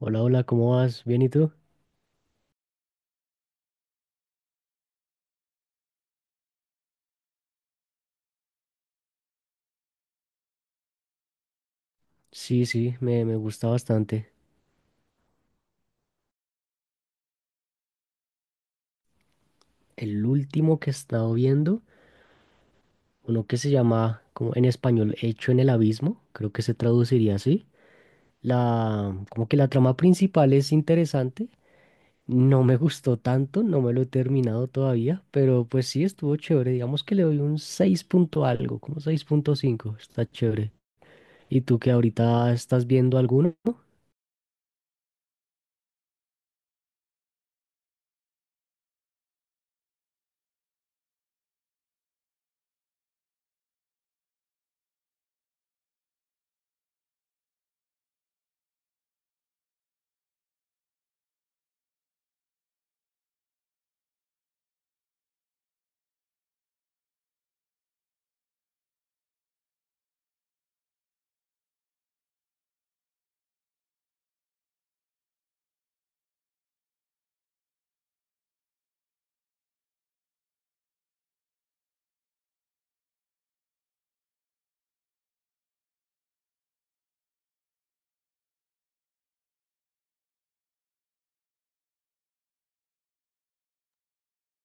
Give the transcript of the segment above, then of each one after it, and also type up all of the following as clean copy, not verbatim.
Hola, hola, ¿cómo vas? ¿Bien y tú? Sí, sí, me gusta bastante. El último que he estado viendo, uno que se llama, como en español, Hecho en el Abismo, creo que se traduciría así. Como que la trama principal es interesante. No me gustó tanto, no me lo he terminado todavía, pero pues sí estuvo chévere. Digamos que le doy un 6 punto algo, como 6,5 está chévere. ¿Y tú que ahorita estás viendo alguno?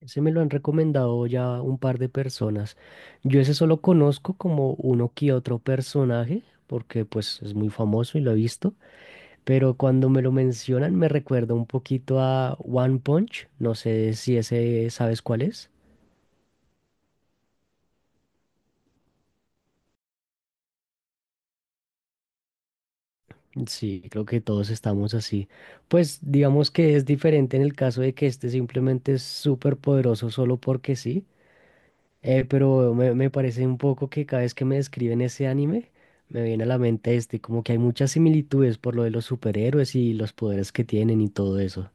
Ese me lo han recomendado ya un par de personas. Yo ese solo conozco como uno que otro personaje, porque pues es muy famoso y lo he visto, pero cuando me lo mencionan me recuerda un poquito a One Punch. No sé si ese sabes cuál es. Sí, creo que todos estamos así. Pues digamos que es diferente en el caso de que este simplemente es súper poderoso solo porque sí. Pero me parece un poco que cada vez que me describen ese anime, me viene a la mente este, como que hay muchas similitudes por lo de los superhéroes y los poderes que tienen y todo eso.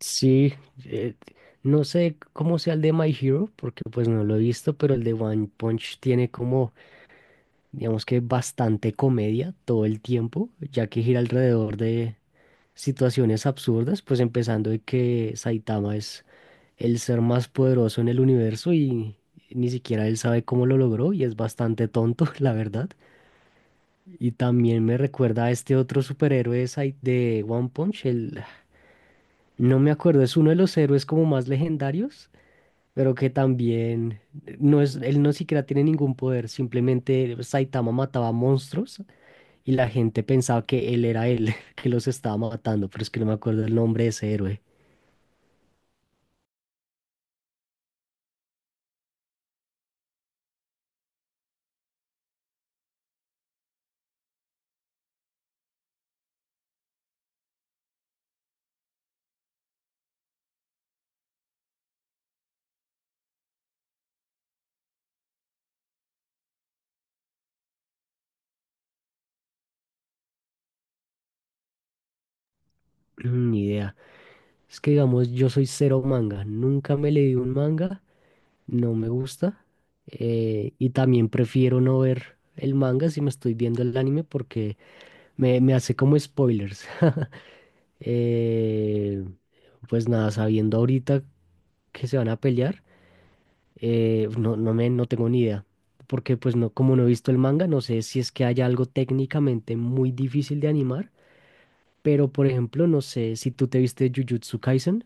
Sí, eh, no sé cómo sea el de My Hero, porque pues no lo he visto, pero el de One Punch tiene como, digamos que bastante comedia todo el tiempo, ya que gira alrededor de situaciones absurdas, pues empezando de que Saitama es el ser más poderoso en el universo y ni siquiera él sabe cómo lo logró y es bastante tonto, la verdad. Y también me recuerda a este otro superhéroe de de One Punch, el, no me acuerdo, es uno de los héroes como más legendarios, pero que también no es, él no siquiera tiene ningún poder, simplemente Saitama mataba monstruos y la gente pensaba que él era él, que los estaba matando, pero es que no me acuerdo el nombre de ese héroe. Mm. Ni idea. Es que digamos, yo soy cero manga. Nunca me leí un manga, no me gusta. Y también prefiero no ver el manga si me estoy viendo el anime porque me hace como spoilers. Eh, pues nada, sabiendo ahorita que se van a pelear, no, no me, no tengo ni idea. Porque pues no, como no he visto el manga, no sé si es que haya algo técnicamente muy difícil de animar. Pero por ejemplo, no sé si tú te viste Jujutsu Kaisen.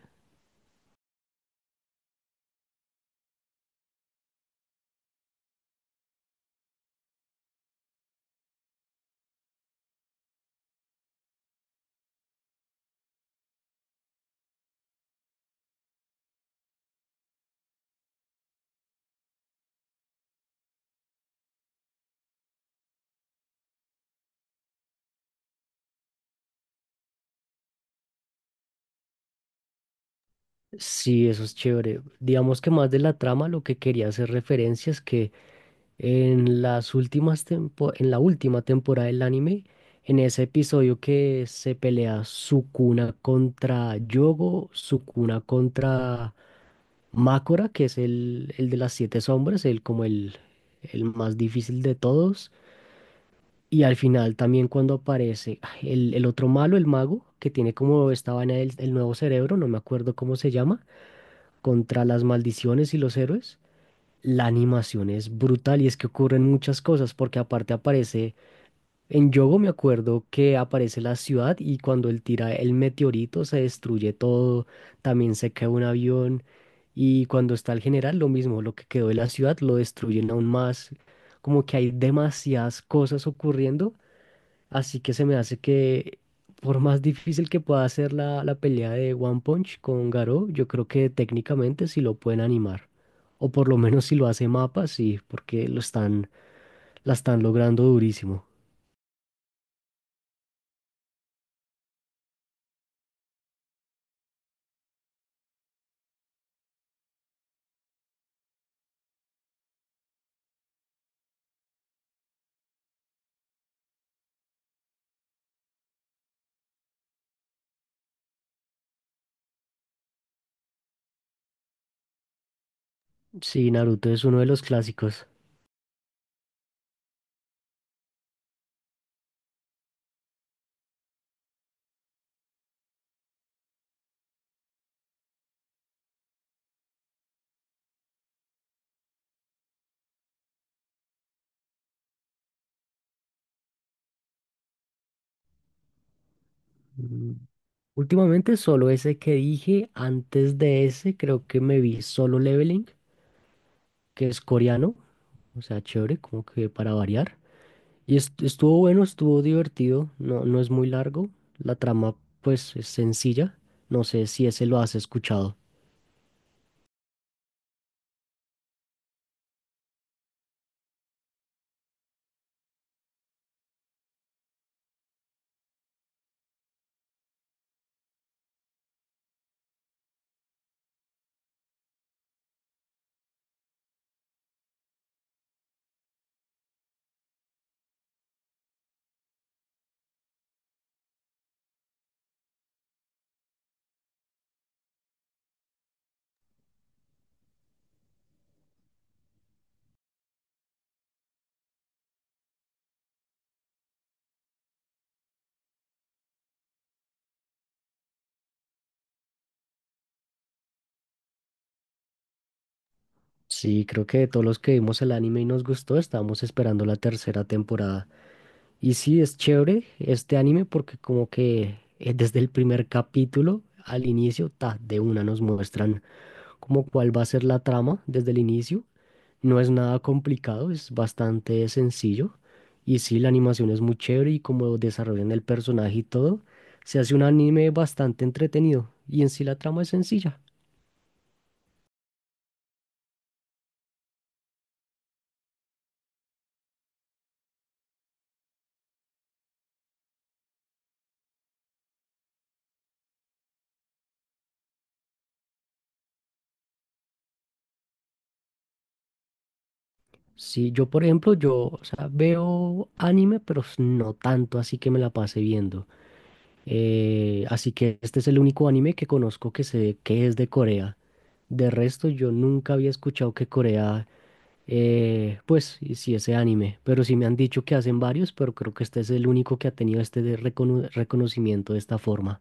Sí, eso es chévere. Digamos que más de la trama, lo que quería hacer referencia es que en en la última temporada del anime, en ese episodio que se pelea Sukuna contra Yogo, Sukuna contra Makora, que es el de las siete sombras, el como el más difícil de todos. Y al final también cuando aparece ay, el otro malo, el mago, que tiene como esta vaina del el nuevo cerebro, no me acuerdo cómo se llama, contra las maldiciones y los héroes. La animación es brutal y es que ocurren muchas cosas porque aparte aparece, en Yogo me acuerdo que aparece la ciudad y cuando él tira el meteorito se destruye todo, también se cae un avión, y cuando está el general lo mismo, lo que quedó de la ciudad lo destruyen aún más, como que hay demasiadas cosas ocurriendo. Así que se me hace que, por más difícil que pueda ser la pelea de One Punch con Garou, yo creo que técnicamente sí lo pueden animar. O por lo menos si lo hace Mapa, sí, porque lo están, la están logrando durísimo. Sí, Naruto es uno de los clásicos. Mm, últimamente solo ese que dije, antes de ese creo que me vi Solo Leveling, que es coreano, o sea, chévere, como que para variar. Y estuvo bueno, estuvo divertido, no, no es muy largo, la trama pues es sencilla, no sé si ese lo has escuchado. Sí, creo que de todos los que vimos el anime y nos gustó, estábamos esperando la tercera temporada. Y sí, es chévere este anime porque como que desde el primer capítulo al inicio, ta, de una nos muestran como cuál va a ser la trama desde el inicio. No es nada complicado, es bastante sencillo. Y sí, la animación es muy chévere y como desarrollan el personaje y todo, se hace un anime bastante entretenido. Y en sí la trama es sencilla. Sí, yo por ejemplo, yo, o sea, veo anime, pero no tanto así que me la pase viendo. Así que este es el único anime que conozco que sé que es de Corea. De resto, yo nunca había escuchado que Corea. Pues y sí, ese anime, pero sí me han dicho que hacen varios, pero creo que este es el único que ha tenido este de reconocimiento de esta forma.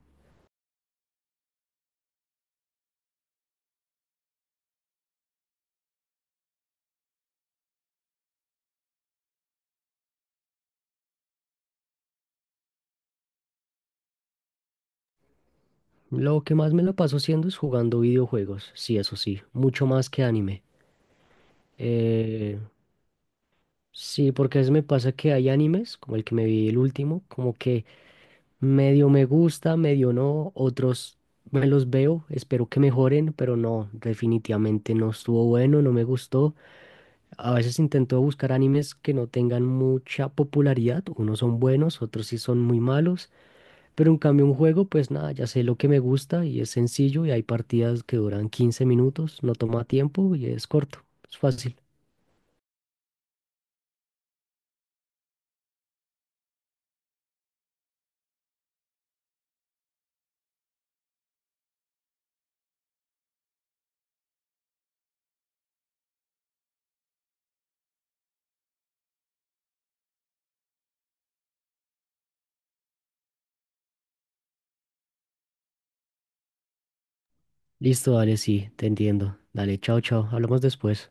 Lo que más me lo paso haciendo es jugando videojuegos, sí, eso sí, mucho más que anime. Eh, sí, porque a veces me pasa que hay animes, como el que me vi el último, como que medio me gusta, medio no, otros me los veo, espero que mejoren, pero no, definitivamente no estuvo bueno, no me gustó. A veces intento buscar animes que no tengan mucha popularidad. Unos son buenos, otros sí son muy malos. Pero en cambio un juego, pues nada, ya sé lo que me gusta y es sencillo y hay partidas que duran 15 minutos, no toma tiempo y es corto, es fácil. Listo, dale, sí, te entiendo. Dale, chao, chao, hablamos después.